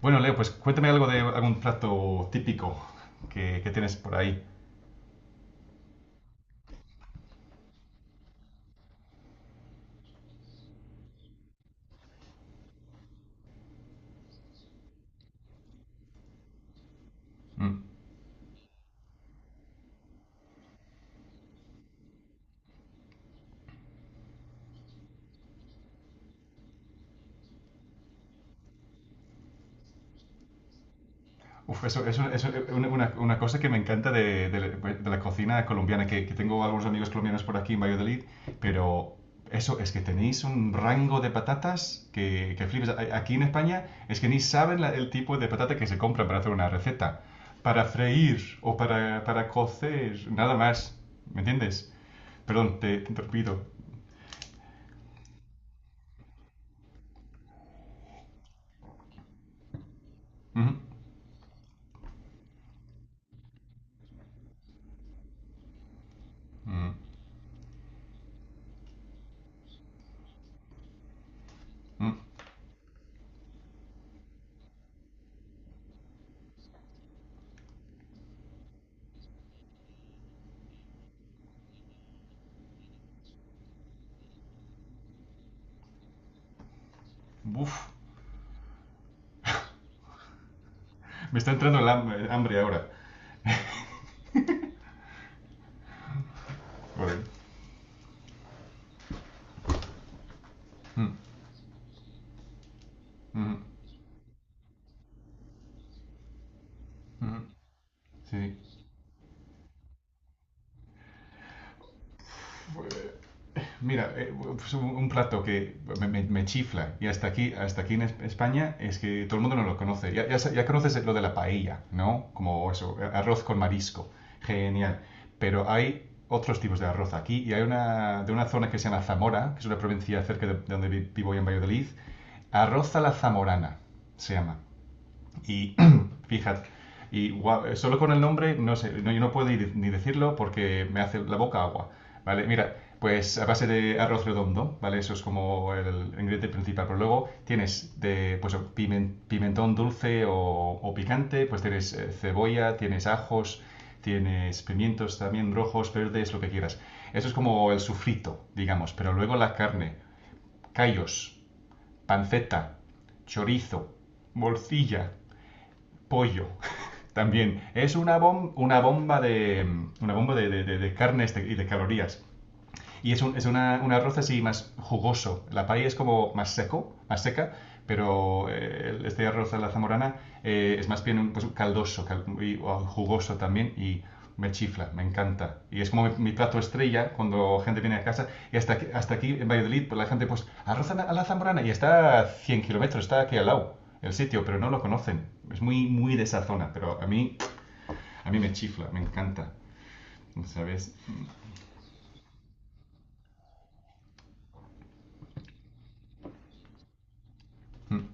Bueno, Leo, pues cuéntame algo de algún plato típico que tienes por ahí. Mm. Uf, eso es una cosa que me encanta de la cocina colombiana, que tengo algunos amigos colombianos por aquí en Valladolid, pero eso es que tenéis un rango de patatas que flipas. Aquí en España es que ni saben el tipo de patata que se compra para hacer una receta, para freír o para cocer, nada más, ¿me entiendes? Perdón, te interrumpido. Ujú. Mm, mm. Uf, me está entrando el hambre ahora. Joder. Mm, mm, mm, sí. Eh, Mira, pues un plato que me chifla y hasta aquí en España es que todo el mundo no lo conoce. Ya conoces lo de la paella, ¿no? Como eso, arroz con marisco. Genial. Pero hay otros tipos de arroz aquí y hay una zona que se llama Zamora, que es una provincia cerca de donde vivo yo en Valladolid. Arroz a la zamorana se llama. Y fíjate, y guau, solo con el nombre, no sé, no, yo no puedo ni decirlo porque me hace la boca agua, ¿vale? Mira, pues a base de arroz redondo, ¿vale? Eso es como el ingrediente principal, pero luego tienes de, pues, pimentón dulce o picante, pues tienes cebolla, tienes ajos, tienes pimientos también rojos, verdes, lo que quieras. Eso es como el sufrito, digamos, pero luego la carne, callos, panceta, chorizo, morcilla, pollo. También es una, bom- una bomba de carnes y de calorías. Y es un arroz así más jugoso. La paella es como más seco, más seca, pero este arroz a la zamorana es más bien pues, caldoso y o jugoso también y me chifla, me encanta. Y es como mi plato estrella cuando gente viene a casa. Y hasta aquí en Valladolid, pues, la gente, pues, arroz a la zamorana y está a 100 kilómetros, está aquí al lado el sitio, pero no lo conocen. Es muy, muy de esa zona, pero a mí me chifla, me encanta, ¿sabes? Mm,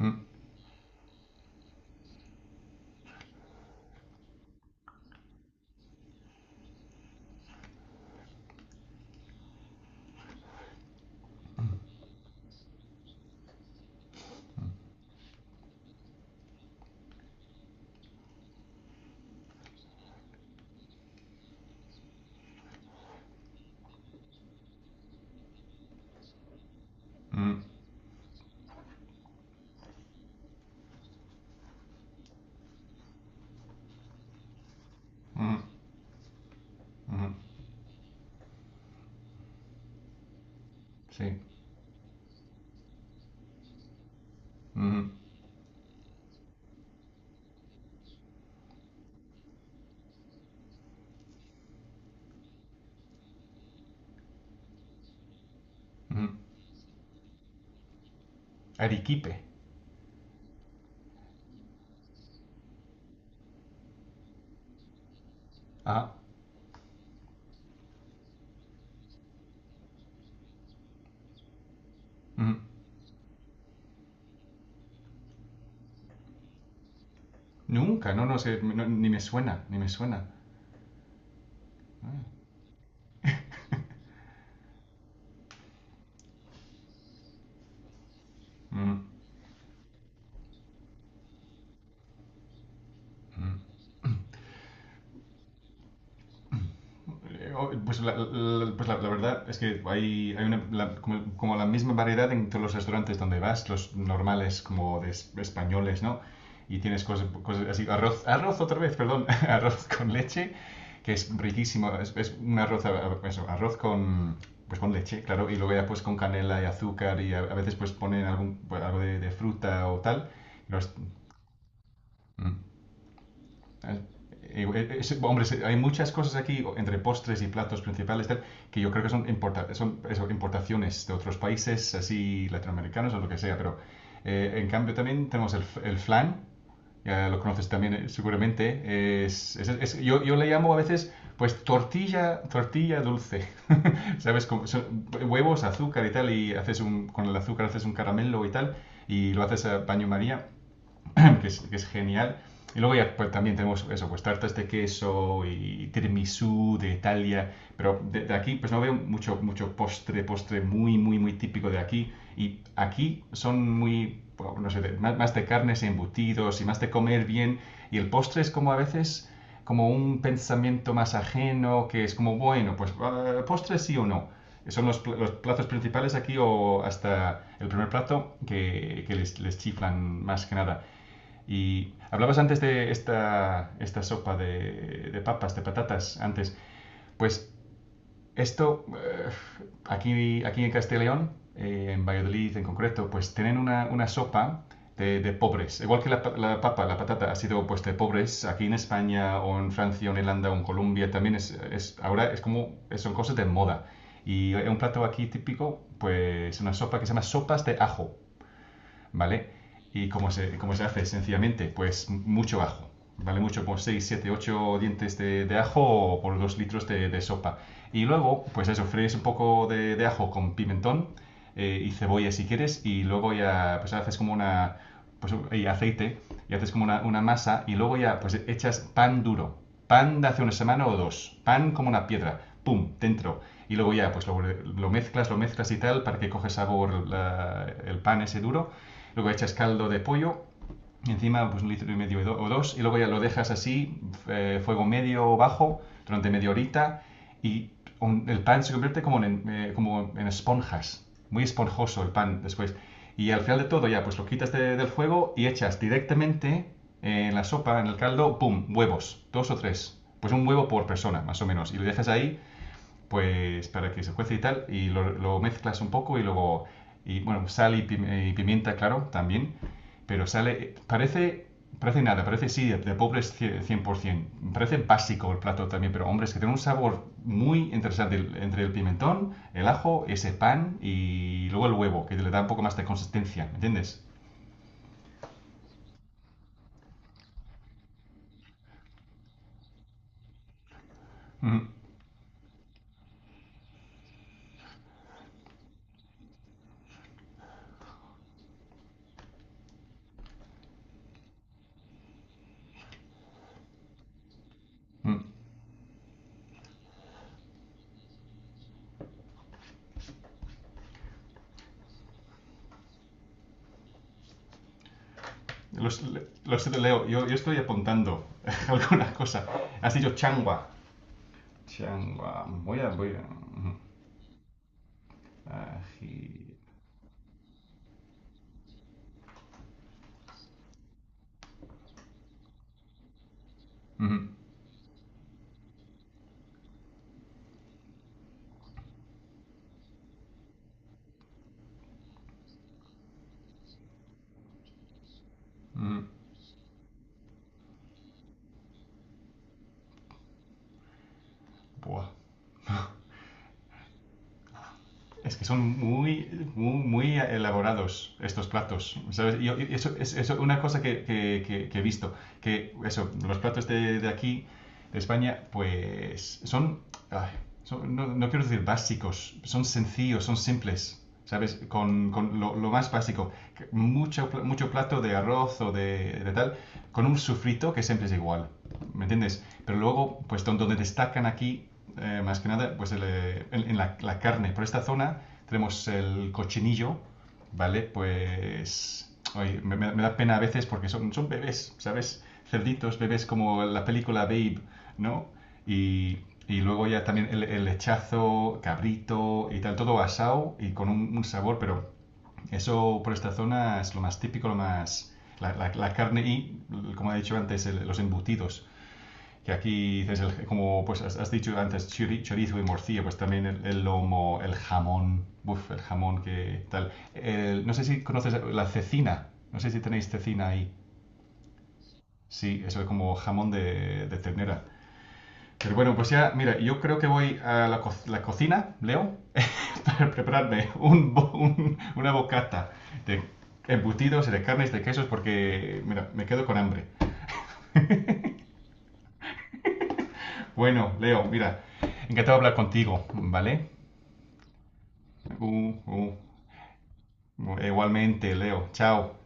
mm, mm, mm. Mm. Ujú. Sí. Ujú, ujú. Arequipe. Ah. Ujú. Nunca, no, no sé, no, ni me suena, ni me suena. Ah, ujú, ujú. Oh, Pues la verdad es que hay como la misma variedad en todos los restaurantes donde vas, los normales como de españoles, ¿no? Y tienes cosas así, arroz, arroz otra vez, perdón, arroz con leche, que es riquísimo, es un arroz, eso, arroz con, pues con leche, claro, y luego ya pues con canela y azúcar y a veces pues ponen algún, pues, algo de fruta o tal. Los- mm. Eh, Hombre, hay muchas cosas aquí entre postres y platos principales tal, que yo creo que son eso, importaciones de otros países, así latinoamericanos o lo que sea, pero en cambio también tenemos el flan, ya lo conoces también seguramente, yo le llamo a veces pues tortilla, tortilla dulce, ¿sabes? Son huevos, azúcar y tal, y haces con el azúcar haces un caramelo y tal, y lo haces a baño María. que es genial. Y luego ya pues, también tenemos eso, pues tartas de queso y tiramisú de Italia, pero de aquí pues no veo mucho postre muy, muy, muy típico de aquí. Y aquí son bueno, no sé, más de carnes y embutidos y más de comer bien. Y el postre es como a veces como un pensamiento más ajeno, que es como, bueno, pues postre sí o no. Son los platos principales aquí o hasta el primer plato que les chiflan más que nada. Y hablabas antes de esta sopa de papas, de patatas, antes. Pues esto, eh, aquí en Castellón, en Valladolid en concreto, pues tienen una sopa de pobres. Igual que la papa, la patata ha sido pues de pobres, aquí en España o en Francia o en Irlanda o en Colombia también ahora es como, son cosas de moda. Y un plato aquí típico, pues una sopa que se llama sopas de ajo. ¿Vale? ¿Y cómo se hace? Sencillamente, pues mucho ajo, ¿vale? Mucho, por 6 7 8 dientes de ajo o por 2 litros de sopa. Y luego, pues eso, fríes un poco de ajo con pimentón y cebolla si quieres y luego ya, pues haces como pues y aceite y haces como una masa y luego ya, pues echas pan duro. Pan de hace una semana o dos. Pan como una piedra. ¡Pum! Dentro. Y luego ya, pues lo mezclas y tal para que coge sabor el pan ese duro luego echas caldo de pollo, encima pues 1 litro y medio o dos, y luego ya lo dejas así, fuego medio o bajo, durante media horita, y el pan se convierte como en esponjas, muy esponjoso el pan después. Y al final de todo ya pues lo quitas del fuego y echas directamente en la sopa, en el caldo, ¡pum!, huevos, dos o tres. Pues un huevo por persona, más o menos. Y lo dejas ahí pues para que se cuece y tal, y lo mezclas un poco y luego, y bueno, sal y pimienta, claro, también, pero sale, parece, nada, parece sí, de pobres 100%, parece básico el plato también, pero hombre, es que tiene un sabor muy interesante entre el pimentón, el ajo, ese pan y luego el huevo, que le da un poco más de consistencia, ¿me entiendes? Ujú, ujú. Los, los leo, yo estoy apuntando alguna cosa. Has dicho changua. Changua. Voy a. Ujú. Ají. Ujú, ujú. Buah. Es que son muy, muy, muy elaborados estos platos, ¿sabes? Y eso es eso, una cosa que he visto, que eso, los platos de aquí de España, pues ay, no, no quiero decir básicos, son sencillos, son simples, ¿sabes? Con lo más básico, mucho plato de arroz o de tal, con un sufrito que siempre es igual, ¿me entiendes? Pero luego, pues donde destacan aquí, más que nada, pues en la carne. Por esta zona tenemos el cochinillo, ¿vale? Pues oye, da pena a veces porque son bebés, ¿sabes? Cerditos, bebés como la película Babe, ¿no? Y, y luego ya también el lechazo, cabrito y tal, todo asado y con un sabor, pero eso por esta zona es lo más típico, lo más... La carne y, como he dicho antes, los embutidos que aquí dices, como pues has dicho antes, chorizo y morcilla, pues también el lomo, el jamón, uf, el jamón que tal. No sé si conoces la cecina, no sé si tenéis cecina ahí. Sí, eso es como jamón de ternera. Pero bueno, pues ya, mira, yo creo que voy a la cocina, Leo, para prepararme una bocata de embutidos y de carnes, de quesos, porque, mira, me quedo con hambre. Bueno, Leo, mira, encantado de hablar contigo, ¿vale? Uh, uh, Igualmente, Leo, chao.